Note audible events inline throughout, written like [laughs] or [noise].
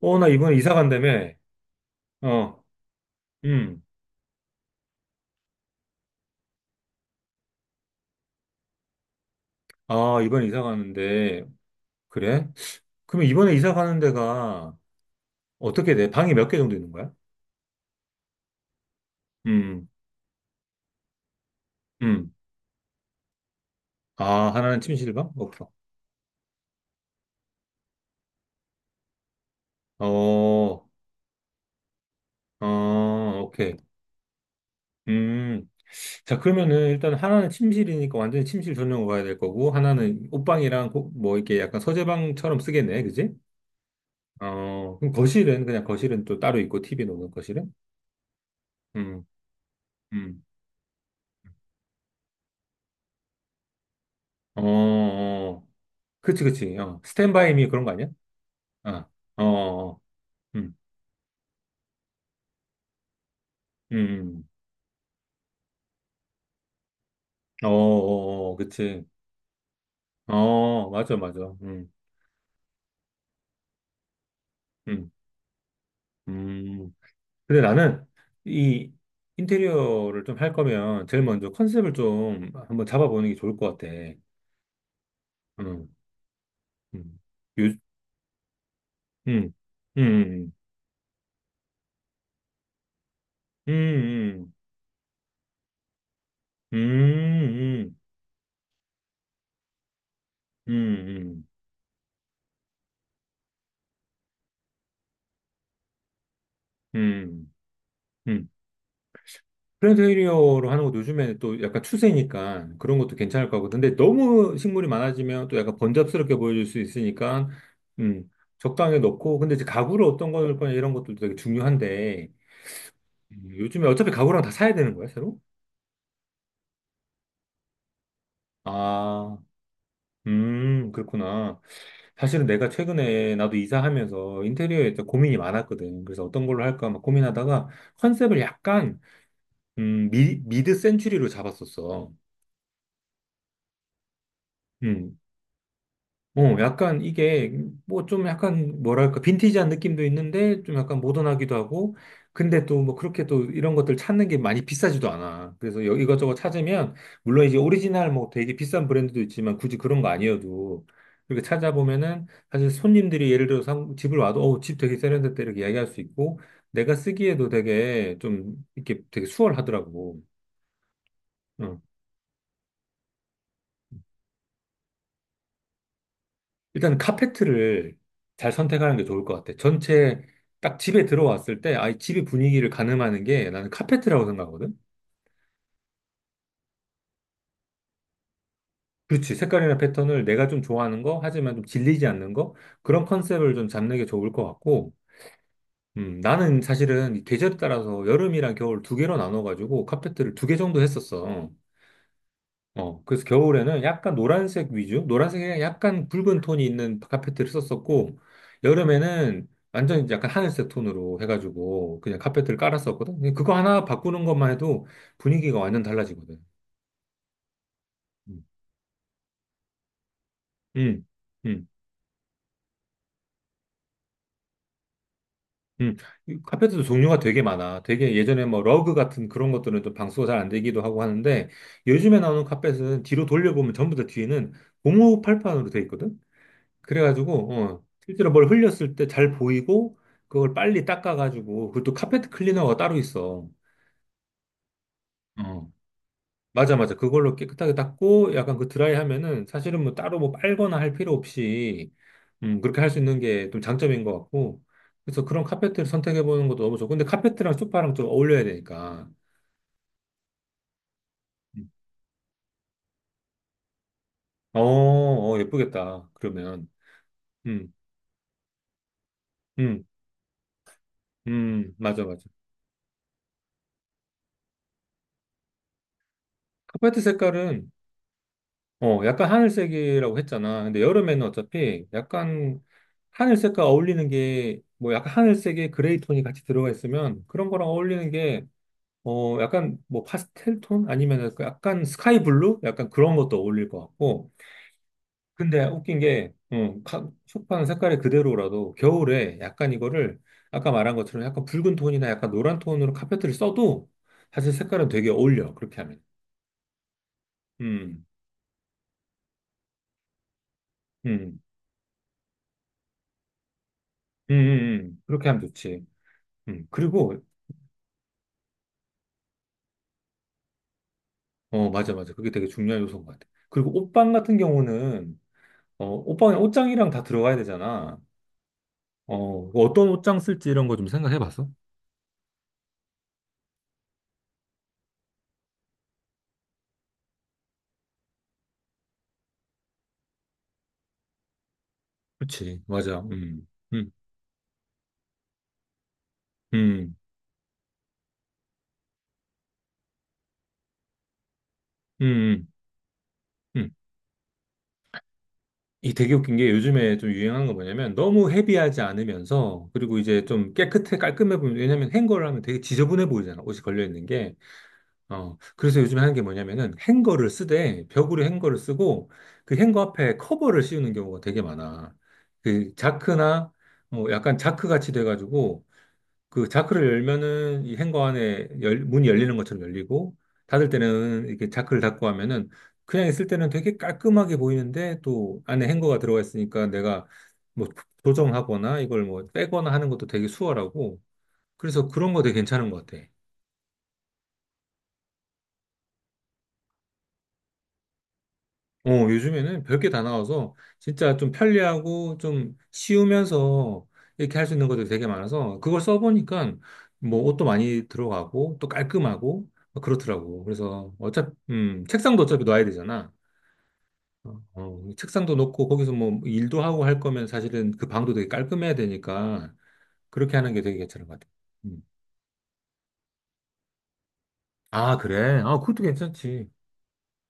어, 나 이번에 이사 간다며. 어, 음. 아, 이번에 이사 가는데. 그래? 그럼 이번에 이사 가는 데가 어떻게 돼? 방이 몇 개 정도 있는 거야? 음, 음. 아, 하나는 침실방? 없어. 어, 어, 오케이. 음. 자, 그러면은 일단 하나는 침실이니까 완전히 침실 전용으로 가야 될 거고, 하나는 옷방이랑 뭐 이렇게 약간 서재방처럼 쓰겠네. 그지? 어, 그럼 거실은 그냥 거실은 또 따로 있고, TV 놓는 거실은? 음, 음. 어, 어. 그치, 그치. 어. 스탠바이 미 그런 거 아니야? 어, 어, 어. 음, 음, 어, 어, 어, 어. 그치. 어, 맞아, 맞아. 음, 음. 근데 나는 이 인테리어를 좀 할 거면 제일 먼저 컨셉을 좀 한번 잡아보는 게 좋을 것 같아. 음, 음, 요, 음, 음, 음, 음, 음, 음, 음, 음, 음, 음, 음, 플랜테리어로 하는 것도 요즘에 또 약간 추세니까 그런 것도 괜찮을 것 같고. 근데 너무 식물이 많아지면 또 약간 번잡스럽게 보여질 수 있으니까, 음, 적당히 넣고. 근데 이제 가구를 어떤 걸 거냐 이런 것도 되게 중요한데, 요즘에 어차피 가구랑 다 사야 되는 거야, 새로? 아, 그렇구나. 사실은 내가 최근에 나도 이사하면서 인테리어에 좀 고민이 많았거든. 그래서 어떤 걸로 할까 막 고민하다가 컨셉을 약간, 미드 센츄리로 잡았었어. 음, 어, 약간 이게 뭐 좀 약간 뭐랄까 빈티지한 느낌도 있는데 좀 약간 모던하기도 하고 근데 또 뭐 그렇게 또 이런 것들 찾는 게 많이 비싸지도 않아. 그래서 이것저것 찾으면 물론 이제 오리지널 뭐 되게 비싼 브랜드도 있지만 굳이 그런 거 아니어도 이렇게 찾아보면은 사실 손님들이 예를 들어서 집을 와도 어, 집 되게 세련됐다 이렇게 이야기할 수 있고 내가 쓰기에도 되게 좀 이렇게 되게 수월하더라고. 응. 일단 카페트를 잘 선택하는 게 좋을 것 같아. 전체 딱 집에 들어왔을 때, 아이 집의 분위기를 가늠하는 게 나는 카페트라고 생각하거든. 그렇지. 색깔이나 패턴을 내가 좀 좋아하는 거, 하지만 좀 질리지 않는 거, 그런 컨셉을 좀 잡는 게 좋을 것 같고, 나는 사실은 이 계절에 따라서 여름이랑 겨울 두 개로 나눠가지고 카페트를 두 개 정도 했었어. 어, 그래서 겨울에는 약간 노란색 위주, 노란색에 약간 붉은 톤이 있는 카페트를 썼었고, 여름에는 완전 이제 약간 하늘색 톤으로 해가지고 그냥 카페트를 깔았었거든. 근데 그거 하나 바꾸는 것만 해도 분위기가 완전 달라지거든. 음, 음, 음. 음. 이 카페트도 종류가 되게 많아. 되게 예전에 뭐 러그 같은 그런 것들은 좀 방수가 잘 안 되기도 하고 하는데, 요즘에 나오는 카펫은 뒤로 돌려보면 전부 다 뒤에는 고무 팔판으로 돼 있거든. 그래가지고, 어, 실제로 뭘 흘렸을 때 잘 보이고, 그걸 빨리 닦아가지고, 그것도 카페트 클리너가 따로 있어. 어, 맞아, 맞아. 그걸로 깨끗하게 닦고, 약간 그 드라이 하면은, 사실은 뭐 따로 뭐 빨거나 할 필요 없이, 그렇게 할 수 있는 게 좀 장점인 것 같고, 그래서 그런 카페트를 선택해보는 것도 너무 좋고, 근데 카페트랑 소파랑 좀 어울려야 되니까. 음. 어, 어, 예쁘겠다. 그러면. 음, 음, 맞아, 맞아. 카페트 색깔은 어, 약간 하늘색이라고 했잖아. 근데 여름에는 어차피 약간 하늘색과 어울리는 게, 뭐 약간 하늘색에 그레이 톤이 같이 들어가 있으면 그런 거랑 어울리는 게, 어, 약간 뭐 파스텔 톤? 아니면 약간 약간 스카이 블루? 약간 그런 것도 어울릴 것 같고. 근데 웃긴 게, 소파는 색깔이 그대로라도 겨울에 약간 이거를 아까 말한 것처럼 약간 붉은 톤이나 약간 노란 톤으로 카페트를 써도 사실 색깔은 되게 어울려. 그렇게 하면. 음, 음, 음, 음, 그렇게 하면 좋지. 그리고, 어, 맞아, 맞아. 그게 되게 중요한 요소인 것 같아. 그리고 옷방 같은 경우는, 어, 옷방에 옷장이랑 다 들어가야 되잖아. 어, 그 어떤 옷장 쓸지 이런 거 좀 생각해 봤어? 그치, 맞아. 음, 음, 음, 음. 음. 이 되게 웃긴 게 요즘에 좀 유행하는 거 뭐냐면 너무 헤비하지 않으면서, 그리고 이제 좀 깨끗해, 깔끔해 보면, 왜냐면 행거를 하면 되게 지저분해 보이잖아. 옷이 걸려 있는 게. 어, 그래서 요즘에 하는 게 뭐냐면은 행거를 쓰되 벽으로 행거를 쓰고 그 행거 앞에 커버를 씌우는 경우가 되게 많아. 그 자크나 뭐 약간 자크 같이 돼가지고 그 자크를 열면은 이 행거 안에 문이 열리는 것처럼 열리고 닫을 때는 이렇게 자크를 닫고 하면은 그냥 있을 때는 되게 깔끔하게 보이는데 또 안에 행거가 들어가 있으니까 내가 뭐 조정하거나 이걸 뭐 빼거나 하는 것도 되게 수월하고 그래서 그런 거 되게 괜찮은 것 같아. 어, 요즘에는 별게 다 나와서 진짜 좀 편리하고 좀 쉬우면서 이렇게 할 수 있는 것들이 되게 많아서 그걸 써보니까 뭐 옷도 많이 들어가고 또 깔끔하고 뭐 그렇더라고. 그래서 어차피, 책상도 어차피 놔야 되잖아. 어, 어, 책상도 놓고 거기서 뭐 일도 하고 할 거면 사실은 그 방도 되게 깔끔해야 되니까 그렇게 하는 게 되게 괜찮은 것 같아. 음. 아, 그래? 아, 그것도 괜찮지.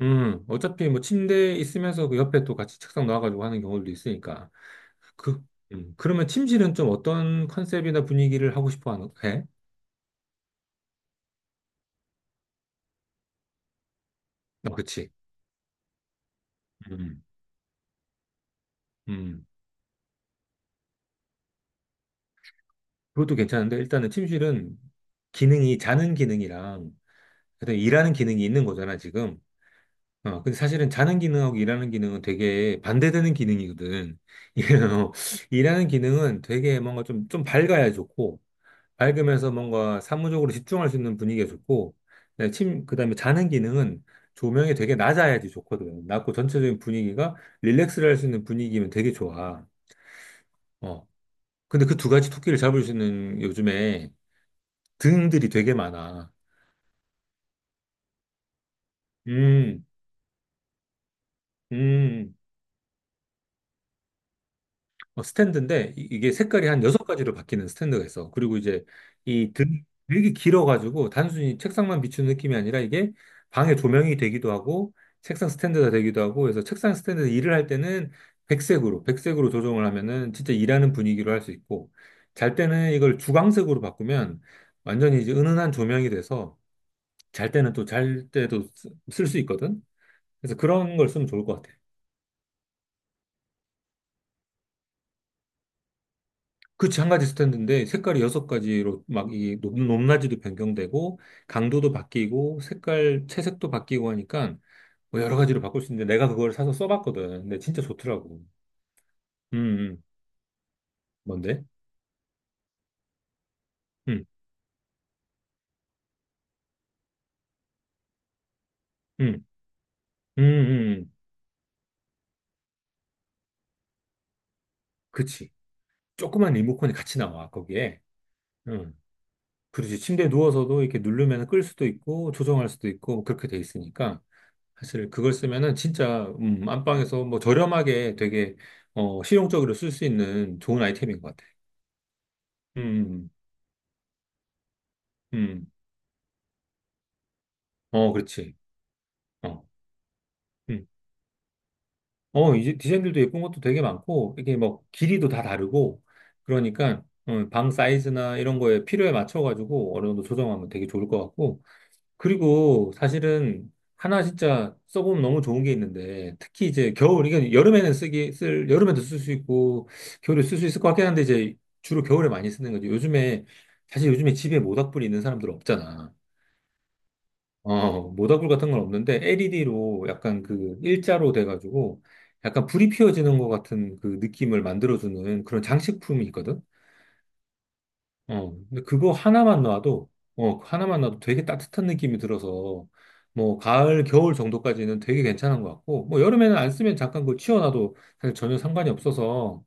어차피 뭐 침대 있으면서 그 옆에 또 같이 책상 놔가지고 하는 경우도 있으니까. 그, 그러면 팀실은 좀 어떤 컨셉이나 분위기를 해? 어, 그치. 음, 음. 그것도 괜찮은데, 일단은 팀실은 기능이, 자는 기능이랑, 일단 일하는 기능이 있는 거잖아, 지금. 어, 근데 사실은 자는 기능하고 일하는 기능은 되게 반대되는 기능이거든. [laughs] 이래요. 일하는 기능은 되게 뭔가 좀, 좀 밝아야 좋고, 밝으면서 뭔가 사무적으로 집중할 수 있는 분위기가 좋고, 네, 그다음에 자는 기능은 조명이 되게 낮아야지 좋거든. 낮고 전체적인 분위기가 릴렉스를 할 수 있는 분위기면 되게 좋아. 어. 근데 그 두 가지 토끼를 잡을 수 있는 요즘에 등들이 되게 많아. 음, 음. 어, 스탠드인데 이게 색깔이 한 여섯 가지로 바뀌는 스탠드가 있어. 그리고 이제 이 등, 되게 길어가지고 단순히 책상만 비추는 느낌이 아니라 이게 방의 조명이 되기도 하고 책상 스탠드가 되기도 하고 그래서 책상 스탠드에서 일을 할 때는 백색으로 조정을 하면은 진짜 일하는 분위기로 할 수 있고 잘 때는 이걸 주광색으로 바꾸면 완전히 이제 은은한 조명이 돼서 잘 때는 또 잘 때도 쓸 수 있거든. 그래서 그런 걸 쓰면 좋을 것 같아. 그치, 한 가지 스탠드인데 색깔이 여섯 가지로 막 이 높낮이도 변경되고 강도도 바뀌고 색깔 채색도 바뀌고 하니까 뭐 여러 가지로 바꿀 수 있는데 내가 그걸 사서 써봤거든. 근데 진짜 좋더라고. 음, 음. 뭔데? 음, 음, 음, 음. 음. 그치. 조그만 리모컨이 같이 나와 거기에. 음. 그렇지. 침대에 누워서도 이렇게 누르면 끌 수도 있고 조정할 수도 있고 그렇게 돼 있으니까 사실 그걸 쓰면은 진짜 안방에서 뭐 저렴하게 되게 어, 실용적으로 쓸 수 있는 좋은 아이템인 것 같아. 음, 음. 어, 그렇지. 어, 음. 어, 이제 디자인들도 예쁜 것도 되게 많고, 이게 뭐 길이도 다 다르고, 그러니까 어, 방 사이즈나 이런 거에 필요에 맞춰가지고 어느 정도 조정하면 되게 좋을 것 같고, 그리고 사실은 하나 진짜 써보면 너무 좋은 게 있는데, 특히 이제 겨울, 이게 여름에는 여름에도 쓸 수 있고, 겨울에 쓸 수 있을 것 같긴 한데, 이제 주로 겨울에 많이 쓰는 거지. 요즘에, 사실 요즘에 집에 모닥불이 있는 사람들 없잖아. 어, 모닥불 같은 건 없는데 LED로 약간 그 일자로 돼가지고 약간 불이 피어지는 것 같은 그 느낌을 만들어주는 그런 장식품이 있거든. 어, 근데 그거 하나만 놔도 어, 그 하나만 놔도 되게 따뜻한 느낌이 들어서 뭐 가을, 겨울 정도까지는 되게 괜찮은 것 같고 뭐 여름에는 안 쓰면 잠깐 그거 치워놔도 사실 전혀 상관이 없어서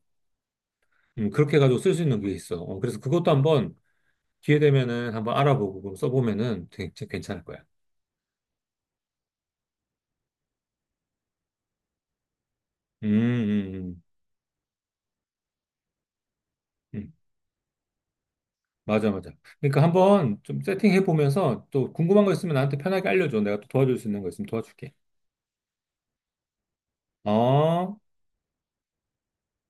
그렇게 해가지고 쓸 수 있는 게 있어. 어, 그래서 그것도 한번 기회 되면은 한번 알아보고 그거 써보면은 되게 괜찮을 거야. 음, 음, 음. 음. 맞아, 맞아. 그러니까 한번 좀 세팅해 보면서 또 궁금한 거 있으면 나한테 편하게 알려줘. 내가 또 도와줄 수 있는 거 있으면 도와줄게. 어?